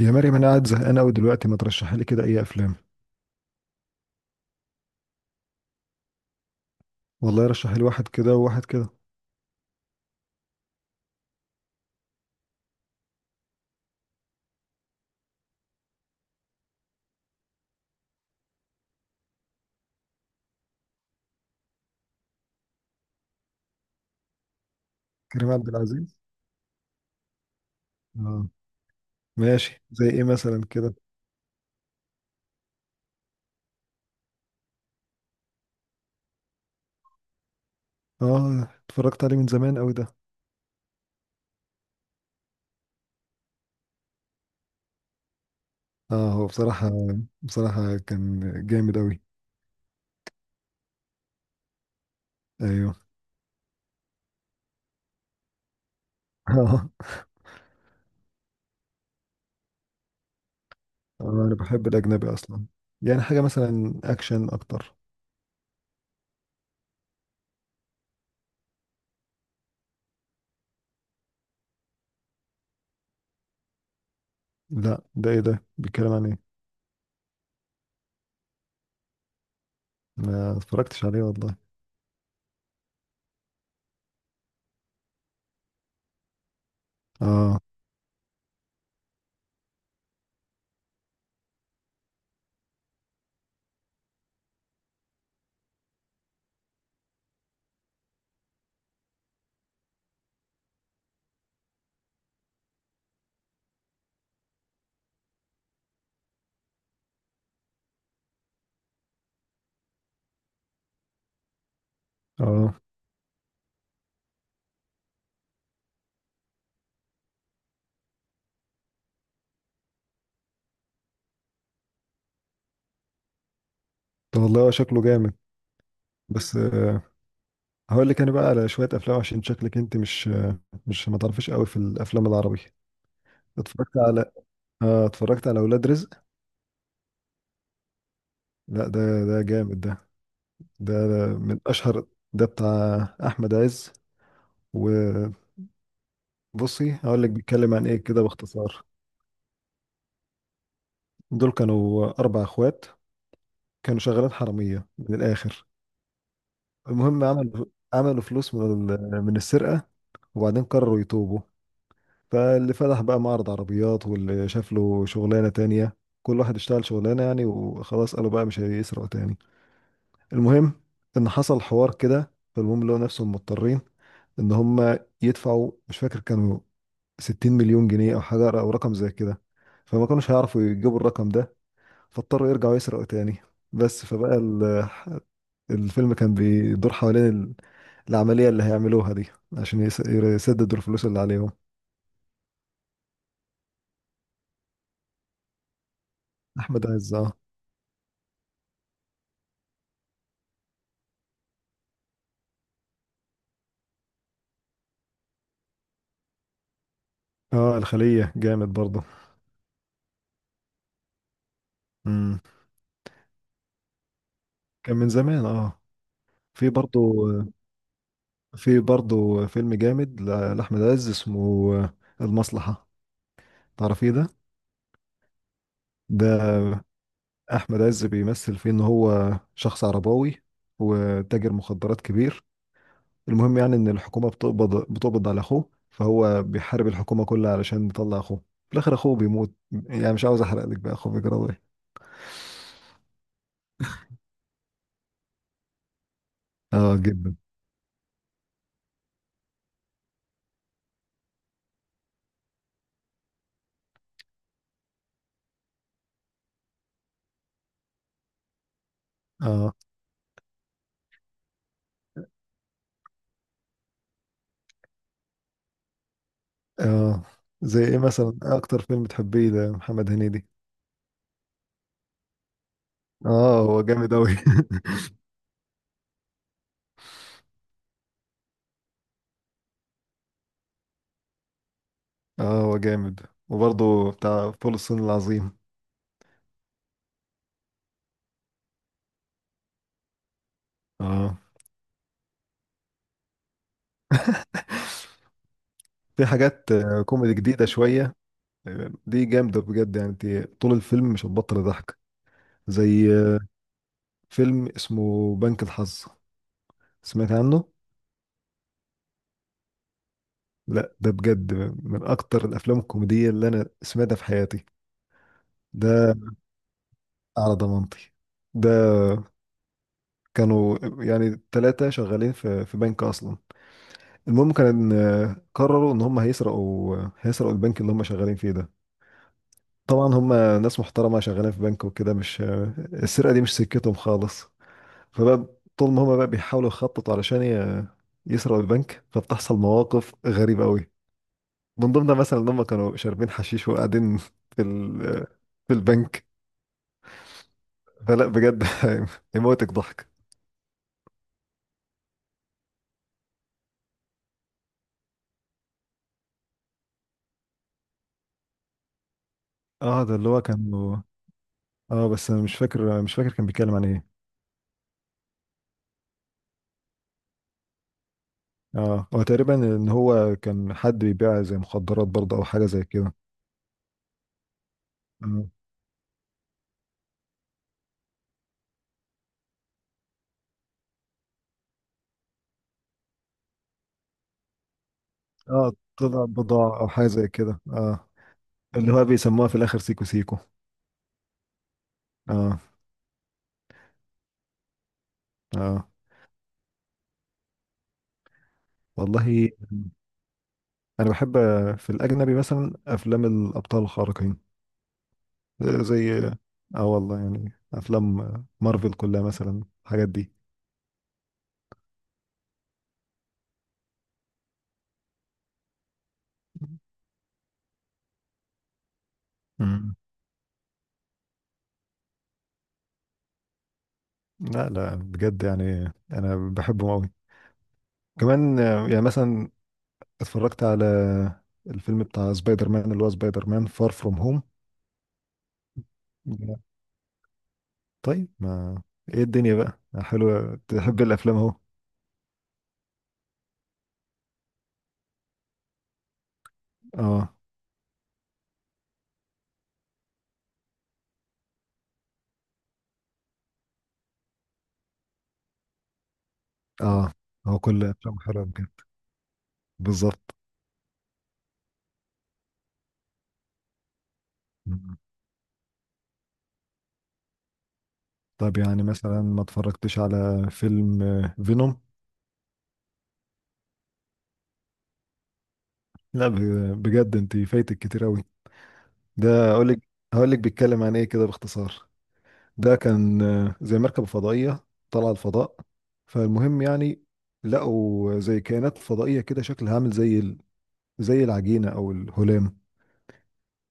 يا مريم، انا قاعد زهقان قوي دلوقتي. ما ترشحي لي كده اي افلام؟ والله رشحي لي واحد كده وواحد كده. كريم عبد العزيز. اه. ماشي، زي ايه مثلا كده؟ اه، اتفرجت عليه من زمان قوي ده. اه، هو بصراحة كان جامد قوي. ايوه. اه. انا بحب الاجنبي اصلا. يعني حاجة مثلا اكشن اكتر. لا، ده ايه ده؟ بيتكلم عن ايه؟ ما اتفرجتش عليه والله. اه. اه. طب والله هو شكله جامد. بس آه، هقول لك انا بقى على شويه افلام، عشان شكلك انت مش ما تعرفيش قوي في الافلام العربي. اتفرجت على، اه، اتفرجت على اولاد رزق. لا، ده جامد ده. ده من اشهر. ده بتاع احمد عز. وبصي، هقول لك بيتكلم عن ايه كده باختصار. دول كانوا اربع اخوات، كانوا شغالات حراميه من الاخر. المهم عملوا فلوس من من السرقه. وبعدين قرروا يتوبوا. فاللي فتح بقى معرض عربيات، واللي شاف له شغلانه تانية. كل واحد اشتغل شغلانه يعني، وخلاص قالوا بقى مش هيسرقوا تاني. المهم ان حصل حوار كده، فالمهم لقوا نفسهم مضطرين ان هم يدفعوا، مش فاكر كانوا 60 مليون جنيه او حاجه، او رقم زي كده. فما كانوش هيعرفوا يجيبوا الرقم ده. فاضطروا يرجعوا يسرقوا تاني. بس فبقى الفيلم كان بيدور حوالين العمليه اللي هيعملوها دي، عشان يسددوا الفلوس اللي عليهم. احمد عز، اه. اه، الخليه جامد برضه. امم. كان من زمان اه. في برضه في برضه فيلم جامد لأحمد عز اسمه المصلحة. تعرفيه ده؟ ده، أحمد عز بيمثل فيه إن هو شخص عرباوي وتاجر مخدرات كبير. المهم يعني إن الحكومة بتقبض على أخوه، فهو بيحارب الحكومة كلها علشان يطلع أخوه. في الآخر أخوه بيموت. يعني مش عاوز أحرق لك بقى أخوه بيجرى إيه. آه جدا. آه. آه، زي إيه مثلا؟ إيه أكتر فيلم تحبيه ده، محمد هنيدي؟ آه هو جامد أوي. اه هو جامد. وبرضه بتاع فول الصين العظيم. اه، في حاجات كوميدي جديدة شوية. دي جامدة بجد، يعني انت طول الفيلم مش هتبطل ضحك. زي فيلم اسمه بنك الحظ. سمعت عنه؟ لا، ده بجد من أكتر الأفلام الكوميدية اللي أنا سمعتها في حياتي. ده على ضمانتي. ده كانوا يعني ثلاثة شغالين في بنك أصلا. المهم كان، قرروا إن هم هيسرقوا البنك اللي هم شغالين فيه ده. طبعا هم ناس محترمة، شغالين في بنك وكده، مش السرقة دي مش سكتهم خالص. فبقى طول ما هم بقى بيحاولوا يخططوا علشان يسرقوا البنك، فبتحصل مواقف غريبة قوي. من ضمنها مثلا ان هم كانوا شاربين حشيش وقاعدين في في البنك. فلا بجد، يموتك ضحك. اه ده اللي هو كان. اه بس انا مش فاكر كان بيتكلم عن ايه. اه، هو تقريبا ان هو كان حد بيبيع زي مخدرات برضه، او حاجة زي كده. اه. طلع بضاعة او حاجة زي كده. اه. اللي هو بيسموها في الاخر سيكو سيكو. اه. اه والله انا بحب في الاجنبي مثلا افلام الابطال الخارقين. زي، اه والله، يعني افلام مارفل كلها مثلا، الحاجات دي. مم. لا لا، بجد يعني انا بحبهم قوي. كمان، يعني مثلا اتفرجت على الفيلم بتاع سبايدر مان، اللي هو سبايدر مان فار فروم هوم. طيب ما، ايه الدنيا بقى حلوة، تحب الافلام اهو. اه. اه. هو كل افلام حلوة بجد. بالظبط. مم. طب يعني مثلا ما اتفرجتش على فيلم فينوم؟ لا بجد انت فايتك كتير قوي. ده اقول لك، هقول لك بيتكلم عن ايه كده باختصار. ده كان زي مركبة فضائية طالعة الفضاء. فالمهم يعني لقوا زي كائنات فضائية كده شكلها عامل زي زي العجينة او الهلام.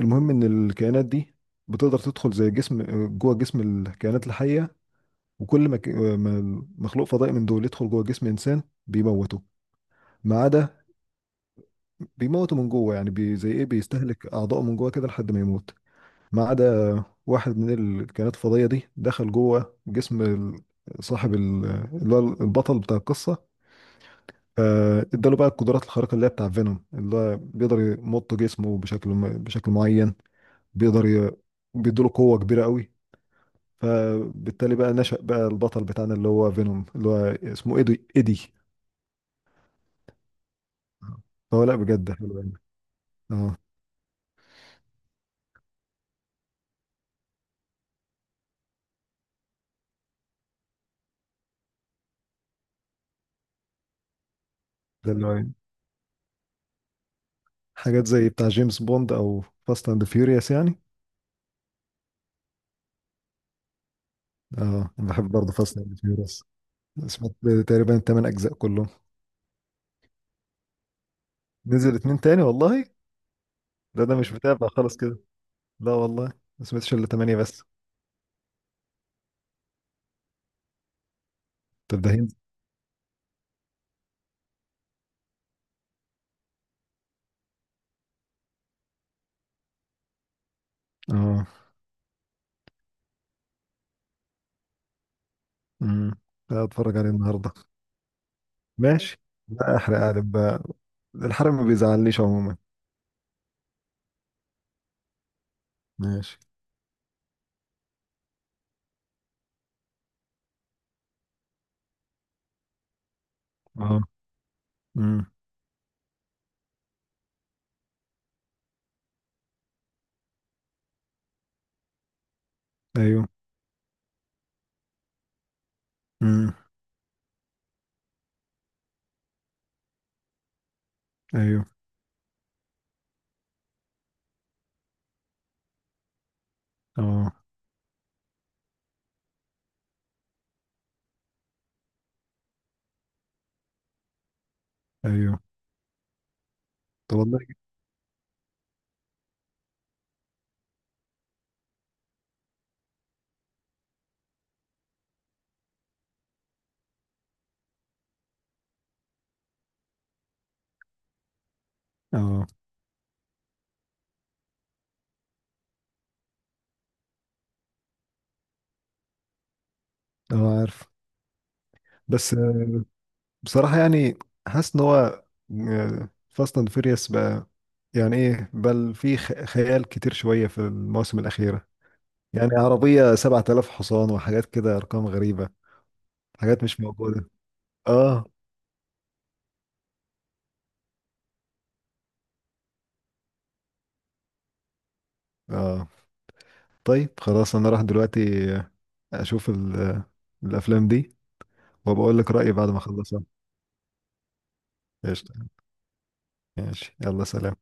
المهم ان الكائنات دي بتقدر تدخل زي جسم، جوه جسم الكائنات الحية. وكل ما ما مخلوق فضائي من دول يدخل جوه جسم انسان بيموته. ما عدا بيموتوا من جوه، يعني بي زي ايه بيستهلك اعضائه من جوه كده لحد ما يموت. ما عدا واحد من الكائنات الفضائيه دي دخل جوه جسم صاحب اللي هو البطل بتاع القصه. اداله بقى القدرات الخارقه اللي هي بتاع فينوم، اللي هو بيقدر يمط جسمه بشكل بشكل معين. بيقدر ي... بيديله قوه كبيره قوي. فبالتالي بقى نشأ بقى البطل بتاعنا اللي هو فينوم، اللي هو اسمه ايدي ايدي. فهو لا بجد حلو يعني. اه، ده اللي هو حاجات زي بتاع جيمس بوند او فاست اند فيوريوس يعني. اه انا بحب برضه فاست اند فيوريوس. سمعت تقريبا الثمان اجزاء كلهم. نزل اتنين تاني والله. ده مش متابع خالص كده. لا والله، ما سمعتش الا تمانية بس. طب ده هند. اه. امم. لا، اتفرج عليه النهارده. ماشي. لا احرق عادي بقى، الحرق ما بيزعلنيش عموما. ماشي. اه. امم. ايوه. امم. ايوه. اه. ايوه. طب والله. اه، اه، عارف. بس بصراحة يعني، حاسس ان هو فاست اند فيريوس بقى، يعني ايه بل في خيال كتير شوية في المواسم الأخيرة. يعني عربية 7,000 حصان وحاجات كده، أرقام غريبة، حاجات مش موجودة. اه. اه طيب خلاص، أنا راح دلوقتي آه، أشوف الأفلام دي، وبقول لك رأيي بعد ما أخلصها. قشطة. ماشي يلا سلام.